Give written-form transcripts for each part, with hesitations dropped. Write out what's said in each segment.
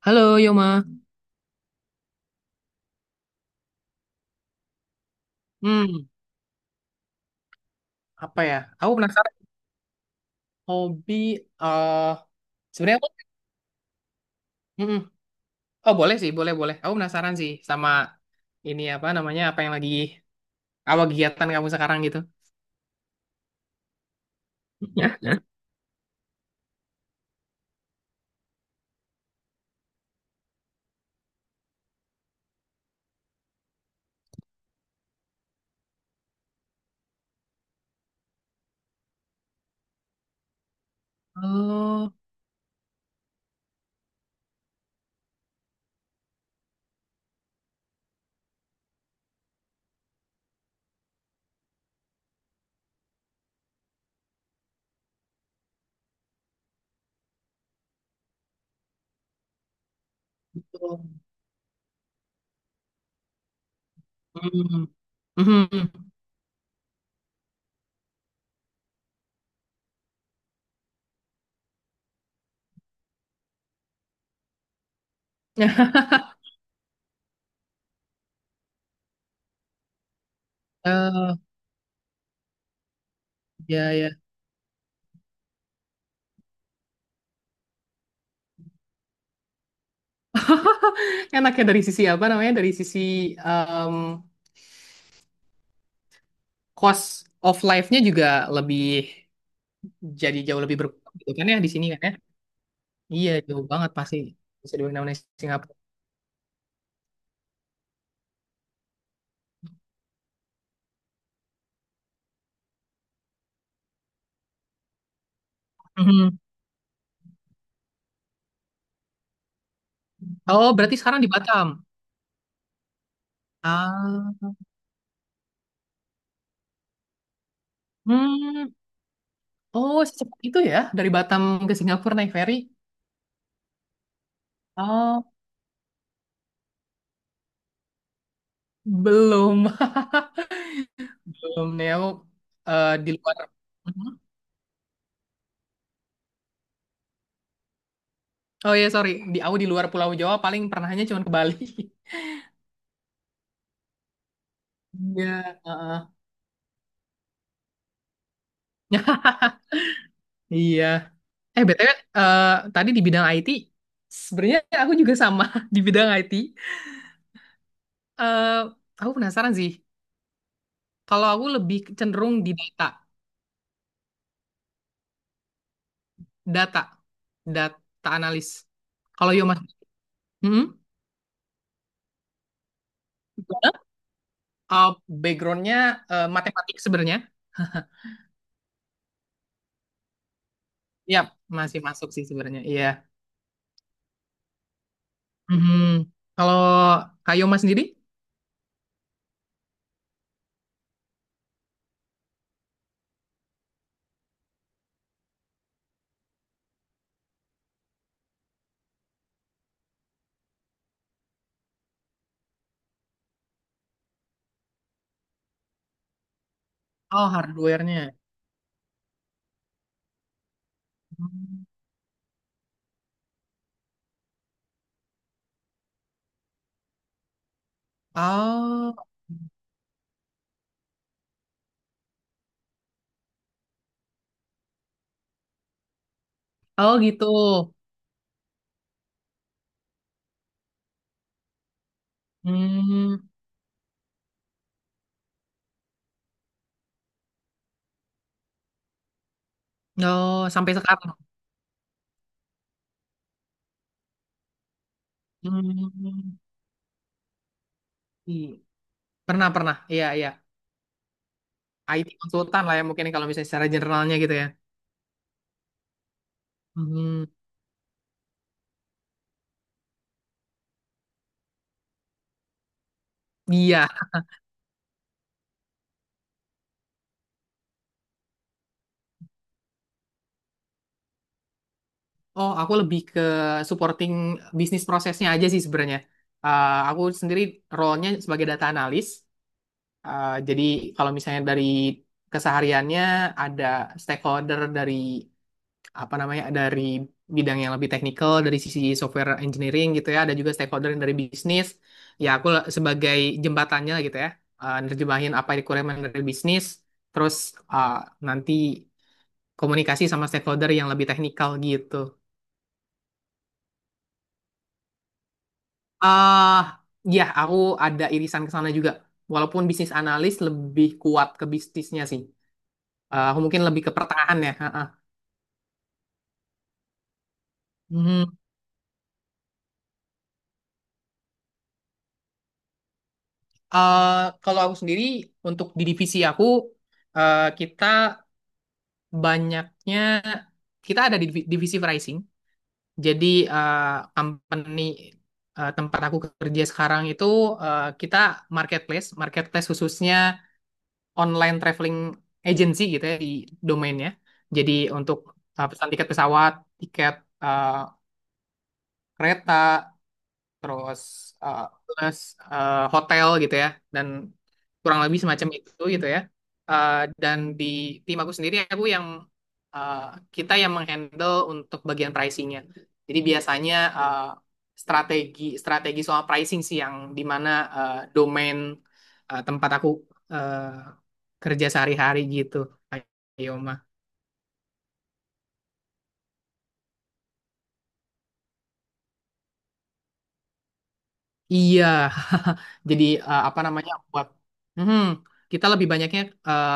Halo Yoma. Hmm, Apa ya? Aku penasaran hobi. eh Sebenarnya, aku- Mm-mm. Oh boleh sih, boleh boleh. Aku penasaran sih sama ini apa namanya, apa yang lagi apa kegiatan kamu sekarang gitu? Oh, Oh. Mm. Mhm. eh, ya ya. Enaknya dari sisi apa namanya? Dari sisi em, cost of life-nya juga lebih jadi jauh lebih berkurang gitu kan ya di sini kan ya? Iya jauh banget pasti bisa dibilang namanya Singapura. Mhm. Oh, berarti sekarang di Batam. Ah, hmm. Oh, secepat itu ya dari Batam ke Singapura naik ferry? Oh, belum. Belum nih aku di luar. Mhm. Oh ya sorry. Di aku di luar Pulau Jawa paling pernahnya cuma ke Bali. Iya, heeh. Iya. BTW, eh, tadi di bidang IT, sebenarnya aku juga sama di bidang IT. Eh, aku penasaran sih. Kalau aku lebih cenderung di data. Data, data analis. Kalau yo mas, hmm? Gimana? Uh, backgroundnya matematik sebenarnya. Ya, masih masuk sih sebenarnya. Iya. Mhm. Kalau Kayo Mas sendiri? Oh, hardware-nya. Hmm. Oh, oh gitu. Hmm. Oh, sampai sekarang. Hmm. Iya. Pernah, pernah. Iya, iya. IT konsultan lah ya mungkin kalau misalnya secara generalnya gitu ya. Hmm. Iya. Oh, aku lebih ke supporting bisnis prosesnya aja sih sebenarnya. Aku sendiri role-nya sebagai data analis. Jadi kalau misalnya dari kesehariannya ada stakeholder dari apa namanya dari bidang yang lebih teknikal dari sisi software engineering gitu ya. Ada juga stakeholder yang dari bisnis. Ya aku la- sebagai jembatannya lah gitu ya. Nerjemahin apa requirement dari bisnis. Terus eh, nanti komunikasi sama stakeholder yang lebih teknikal gitu. Ah, ya, aku ada irisan ke sana juga. Walaupun bisnis analis lebih kuat ke bisnisnya sih. Aku mungkin lebih ke pertengahan ya. Ha, ha. Mhm. Eh, kalau aku sendiri untuk di divisi aku kita banyaknya kita ada di divi- divisi pricing. Jadi eh, company tempat aku kerja sekarang itu kita marketplace, marketplace khususnya online traveling agency gitu ya di domainnya. Jadi untuk pesan tiket pesawat, tiket uh, kereta, terus eh, plus hotel gitu ya dan kurang lebih semacam itu gitu ya. Eh, dan di tim aku sendiri aku yang eh, kita yang menghandle untuk bagian pricingnya jadi biasanya eh, strategi strategi soal pricing sih yang dimana domain tempat aku eh, kerja sehari-hari gitu Pak Yoma. Iya, jadi apa namanya buat Mhm. kita lebih banyaknya eh,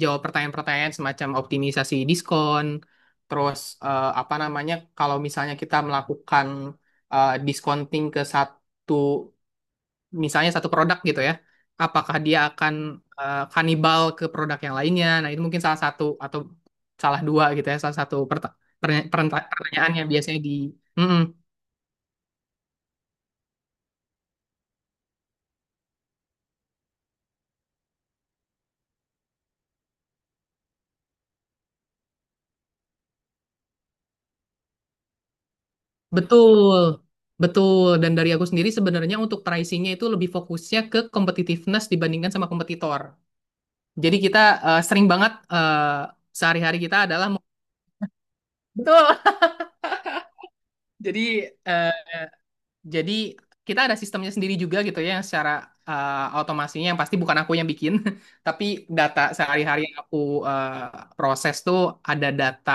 jawab pertanyaan-pertanyaan semacam optimisasi diskon, terus apa namanya kalau misalnya kita melakukan discounting ke satu misalnya satu produk gitu ya, apakah dia akan kanibal ke produk yang lainnya? Nah itu mungkin salah satu atau salah dua gitu ya, salah satu perta- pernya- perenta- pertanyaannya biasanya di Mhm. Betul, betul. Dan dari aku sendiri sebenarnya untuk pricingnya itu lebih fokusnya ke competitiveness dibandingkan sama kompetitor. Jadi kita sering banget sehari-hari kita adalah betul. Jadi eh, jadi kita ada sistemnya sendiri juga gitu ya yang secara otomasinya yang pasti bukan aku yang bikin, tapi data sehari-hari yang aku proses tuh ada data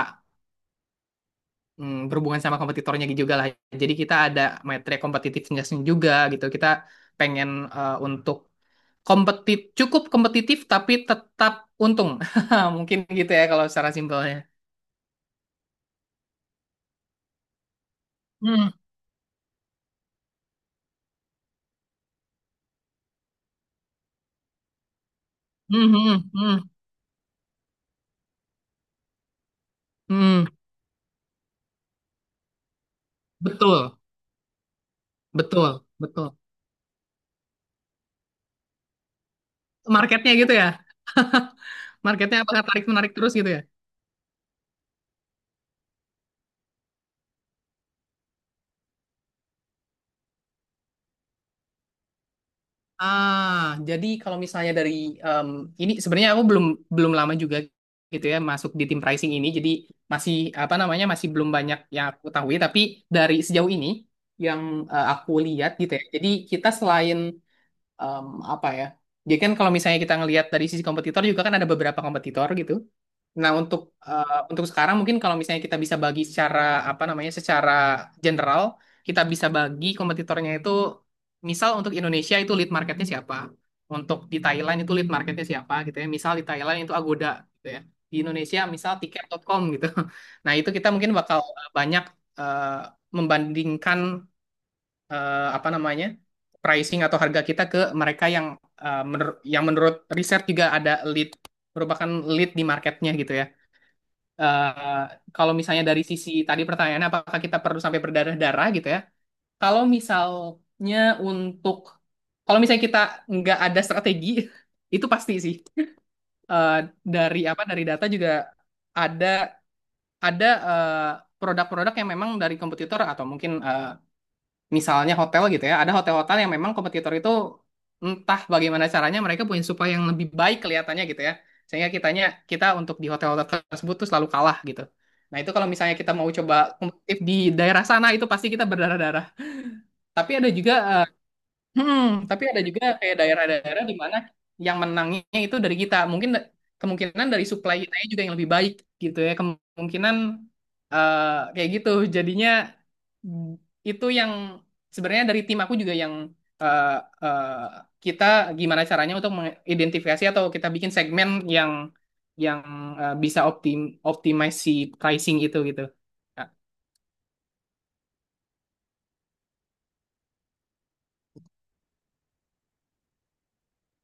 berhubungan sama kompetitornya juga lah. Jadi kita ada metrik competitiveness juga gitu. Kita pengen untuk Kompetit cukup kompetitif tapi tetap untung. Mungkin gitu ya kalau secara simpelnya. Hmm, hmm, hmm, hmm, hmm. Betul, betul, betul. Marketnya gitu ya. Marketnya apakah tarik menarik terus gitu ya? Ah, jadi kalau misalnya dari em, ini sebenarnya aku belum belum lama juga gitu ya masuk di tim pricing ini. Jadi masih apa namanya masih belum banyak yang aku ketahui. Tapi dari sejauh ini yang aku lihat gitu ya. Jadi kita selain em, apa ya? Jadi kan kalau misalnya kita ngelihat dari sisi kompetitor juga kan ada beberapa kompetitor gitu. Nah, untuk untuk sekarang mungkin kalau misalnya kita bisa bagi secara apa namanya? Secara general, kita bisa bagi kompetitornya itu misal untuk Indonesia itu lead marketnya siapa? Untuk di Thailand itu lead marketnya siapa gitu ya. Misal di Thailand itu Agoda gitu ya. Di Indonesia misal tiket. Tiket dot com gitu. Nah, itu kita mungkin bakal banyak eh, membandingkan apa namanya pricing atau harga kita ke mereka yang menur- yang menurut riset juga ada lead merupakan lead di marketnya gitu ya. Eh, kalau misalnya dari sisi tadi pertanyaannya apakah kita perlu sampai berdarah-darah gitu ya? Kalau misalnya untuk kalau misalnya kita nggak ada strategi itu pasti sih. Eh, dari apa dari data juga ada ada produk-produk yang memang dari kompetitor atau mungkin misalnya hotel gitu ya, ada hotel-hotel yang memang kompetitor itu entah bagaimana caranya mereka punya supply yang lebih baik kelihatannya gitu ya. Sehingga kitanya kita untuk di hotel-hotel tersebut tuh selalu kalah gitu. Nah, itu kalau misalnya kita mau coba kompetitif di daerah sana itu pasti kita berdarah-darah. Tapi ada juga hmm, tapi ada juga kayak daerah-daerah di mana yang menangnya itu dari kita. Mungkin da- kemungkinan dari supply kita juga yang lebih baik gitu ya. Kemungkinan eh, kayak gitu. Jadinya Hmm. Itu yang sebenarnya dari tim aku juga yang eh, eh, kita gimana caranya untuk mengidentifikasi atau kita bikin segmen yang yang bisa optim optimize si pricing itu gitu. Nah,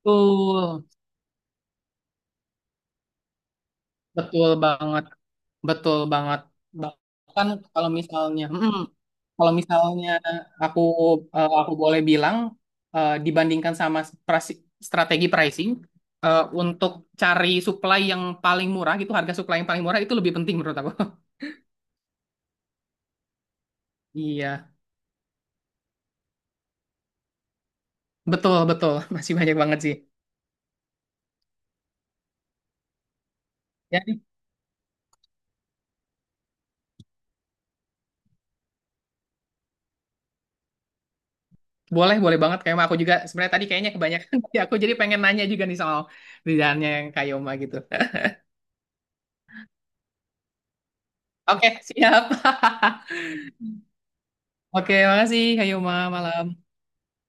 Betul. Betul banget. Betul banget. Bahkan kalau misalnya, kalau misalnya aku aku boleh bilang dibandingkan sama prasi- strategi pricing untuk cari supply yang paling murah gitu, harga supply yang paling murah itu lebih penting menurut aku. Iya, betul betul. Masih banyak banget sih. Ya, nih, boleh boleh banget kayak aku juga sebenarnya tadi kayaknya kebanyakan dari aku jadi pengen nanya juga nih soal kerjaannya yang Kayoma gitu. Oke, siap. Oke, makasih Kayoma malam.